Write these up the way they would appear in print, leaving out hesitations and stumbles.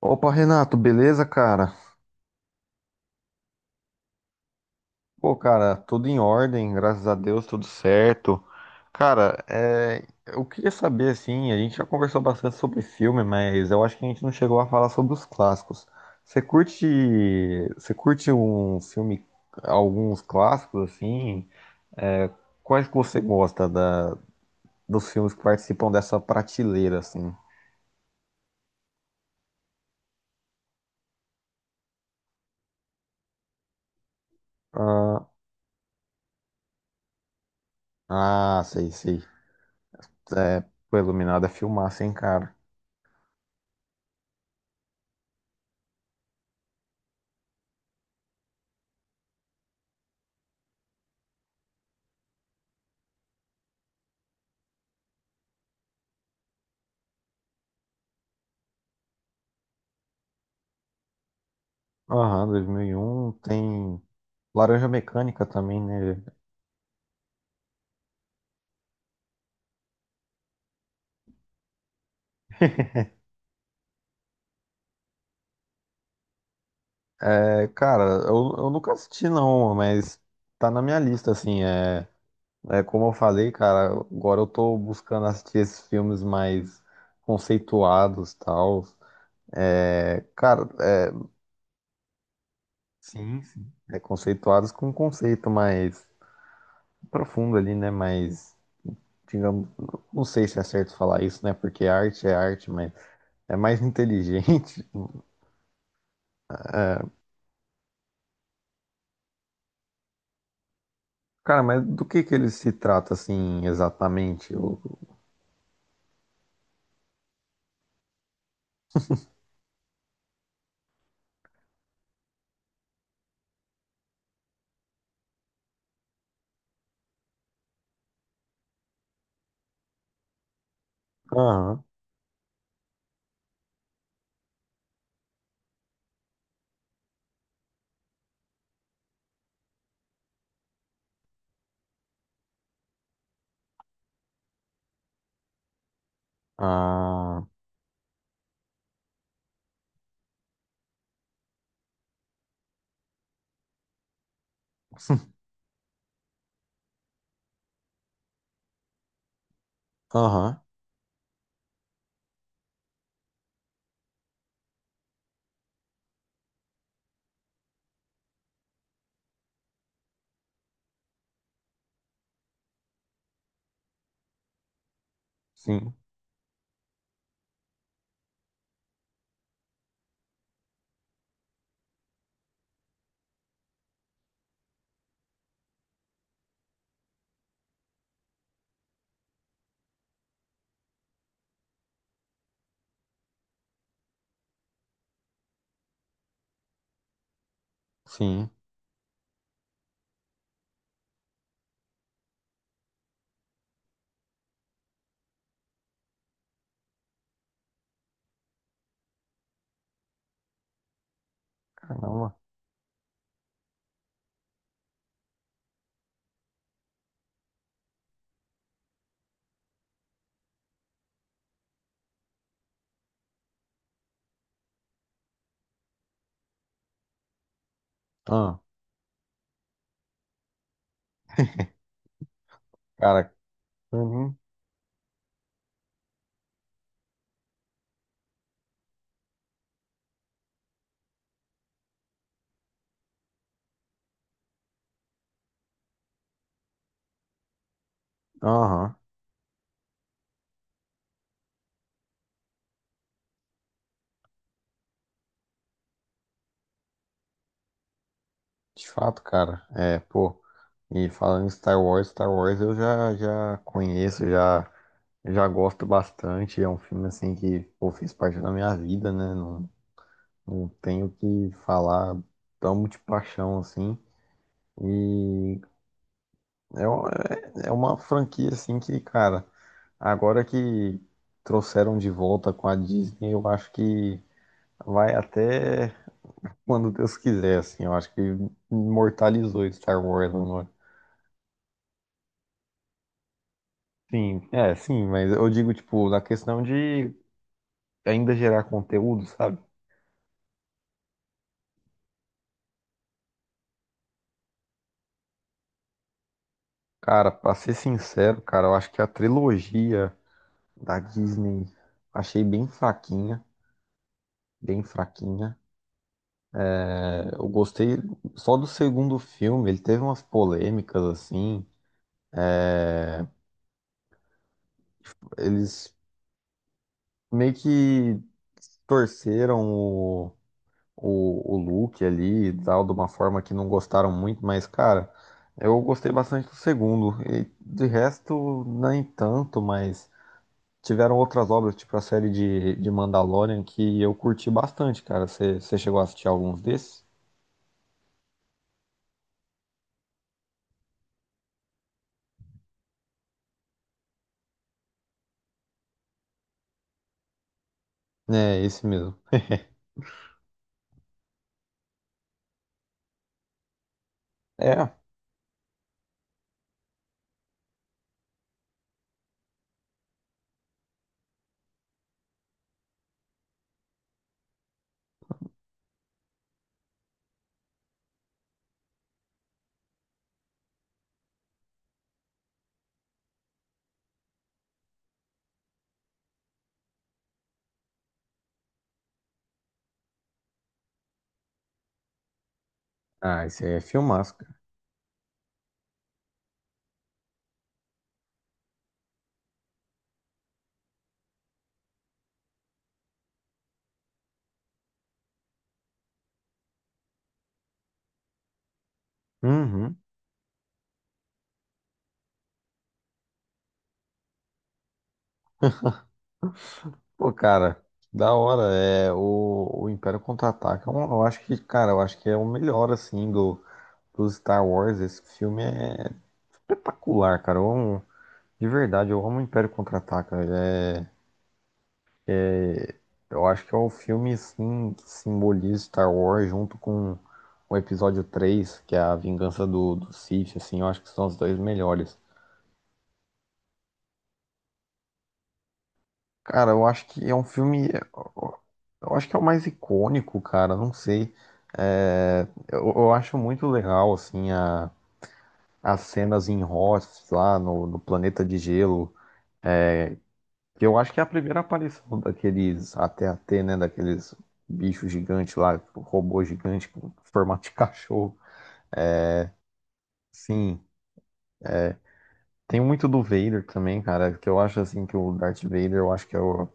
Opa, Renato, beleza, cara? Pô, cara, tudo em ordem, graças a Deus, tudo certo. Cara, é, eu queria saber, assim, a gente já conversou bastante sobre filme, mas eu acho que a gente não chegou a falar sobre os clássicos. Você curte, você curte um filme, alguns clássicos, assim? É, quais que você gosta dos filmes que participam dessa prateleira, assim? Ah, ah, sei, sei. É, pô, Iluminado é filmaço, hein, cara? Aham, 2001 tem Laranja Mecânica também, né? É, cara, eu nunca assisti não, mas tá na minha lista, assim, é como eu falei, cara, agora eu tô buscando assistir esses filmes mais conceituados, tal, é, cara, é, sim, sim, é conceituados com um conceito mais profundo ali, né, mais, digamos, não sei se é certo falar isso, né, porque arte é arte, mas é mais inteligente, Cara, mas do que ele se trata assim exatamente? Eu- Aham. Ah, aham. Sim, sim. Caramba. Ah, cara. Uhum, aham. De fato, cara. É, pô. E falando em Star Wars, Star Wars eu já conheço, já gosto bastante. É um filme assim que, pô, fez parte da minha vida, né? Não, não tenho o que falar. Amo de paixão, assim. E é, uma- é uma franquia, assim, que, cara. Agora que trouxeram de volta com a Disney, eu acho que vai até quando Deus quiser, assim. Eu acho que imortalizou Star Wars agora. Sim, é, sim, mas eu digo, tipo, na questão de ainda gerar conteúdo, sabe? Cara, pra ser sincero, cara, eu acho que a trilogia da Disney achei bem fraquinha, bem fraquinha. É, eu gostei só do segundo filme, ele teve umas polêmicas, assim. É, eles meio que torceram o Luke ali e tal, de uma forma que não gostaram muito, mas, cara, eu gostei bastante do segundo. E de resto, nem tanto, mas tiveram outras obras, tipo a série de Mandalorian, que eu curti bastante, cara. Você chegou a assistir alguns desses? É, esse mesmo. É. Ah, esse aí é filmaço, cara. Uhum. Pô, cara, da hora. É, o Império Contra-Ataca, eu acho que, cara, eu acho que é o melhor, assim, do Star Wars, esse filme é espetacular, cara. Eu amo, de verdade, eu amo o Império Contra-Ataca. Eu acho que é o filme assim, que simboliza Star Wars junto com o episódio 3 que é a vingança do Sith, assim, eu acho que são os dois melhores. Cara, eu acho que é um filme. Eu acho que é o mais icônico, cara. Não sei. É, eu acho muito legal, assim, as cenas em Hoth lá no planeta de gelo. Que eu acho que é a primeira aparição daqueles AT-AT, né? Daqueles bichos gigantes lá, tipo, robô gigante com formato de cachorro. Sim. Tem muito do Vader também, cara, que eu acho assim que o Darth Vader, eu acho que é o,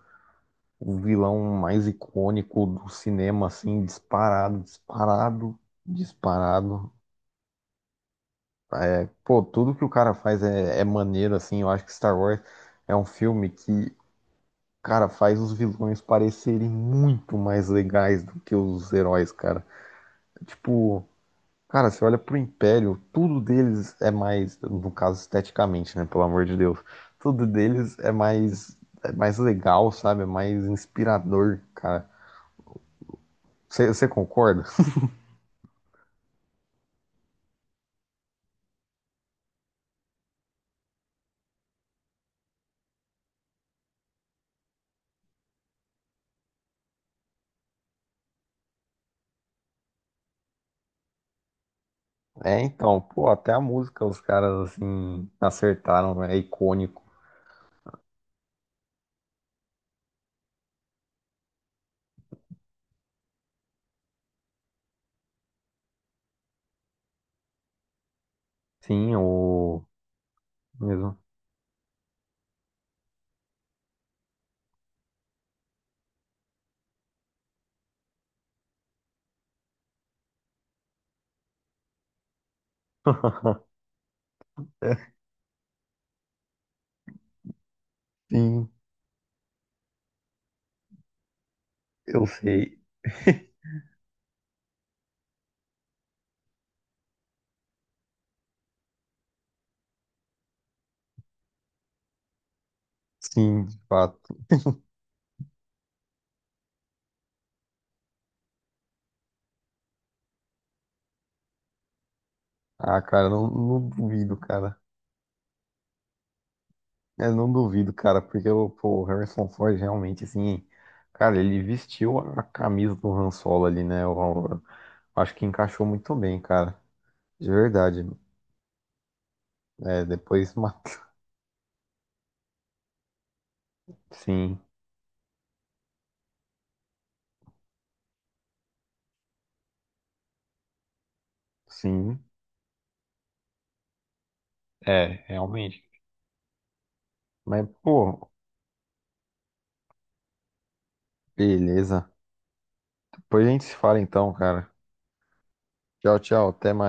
o vilão mais icônico do cinema, assim, disparado, disparado, disparado. É, pô, tudo que o cara faz é maneiro, assim. Eu acho que Star Wars é um filme que, cara, faz os vilões parecerem muito mais legais do que os heróis, cara. Tipo, cara, você olha pro Império, tudo deles é mais, no caso esteticamente, né, pelo amor de Deus, tudo deles é mais legal, sabe? É mais inspirador, cara. Você concorda? É, então, pô, até a música os caras, assim, acertaram, né? É icônico. Sim, o mesmo. Sim, eu sei. Sim, de fato. Ah, cara, não, não duvido, cara. Eu não duvido, cara, porque o, pô, o Harrison Ford realmente, assim, cara, ele vestiu a camisa do Han Solo ali, né? Eu acho que encaixou muito bem, cara. De verdade. É, depois matou. Sim, sim. É, realmente. Mas, pô, beleza. Depois a gente se fala então, cara. Tchau, tchau. Até mais.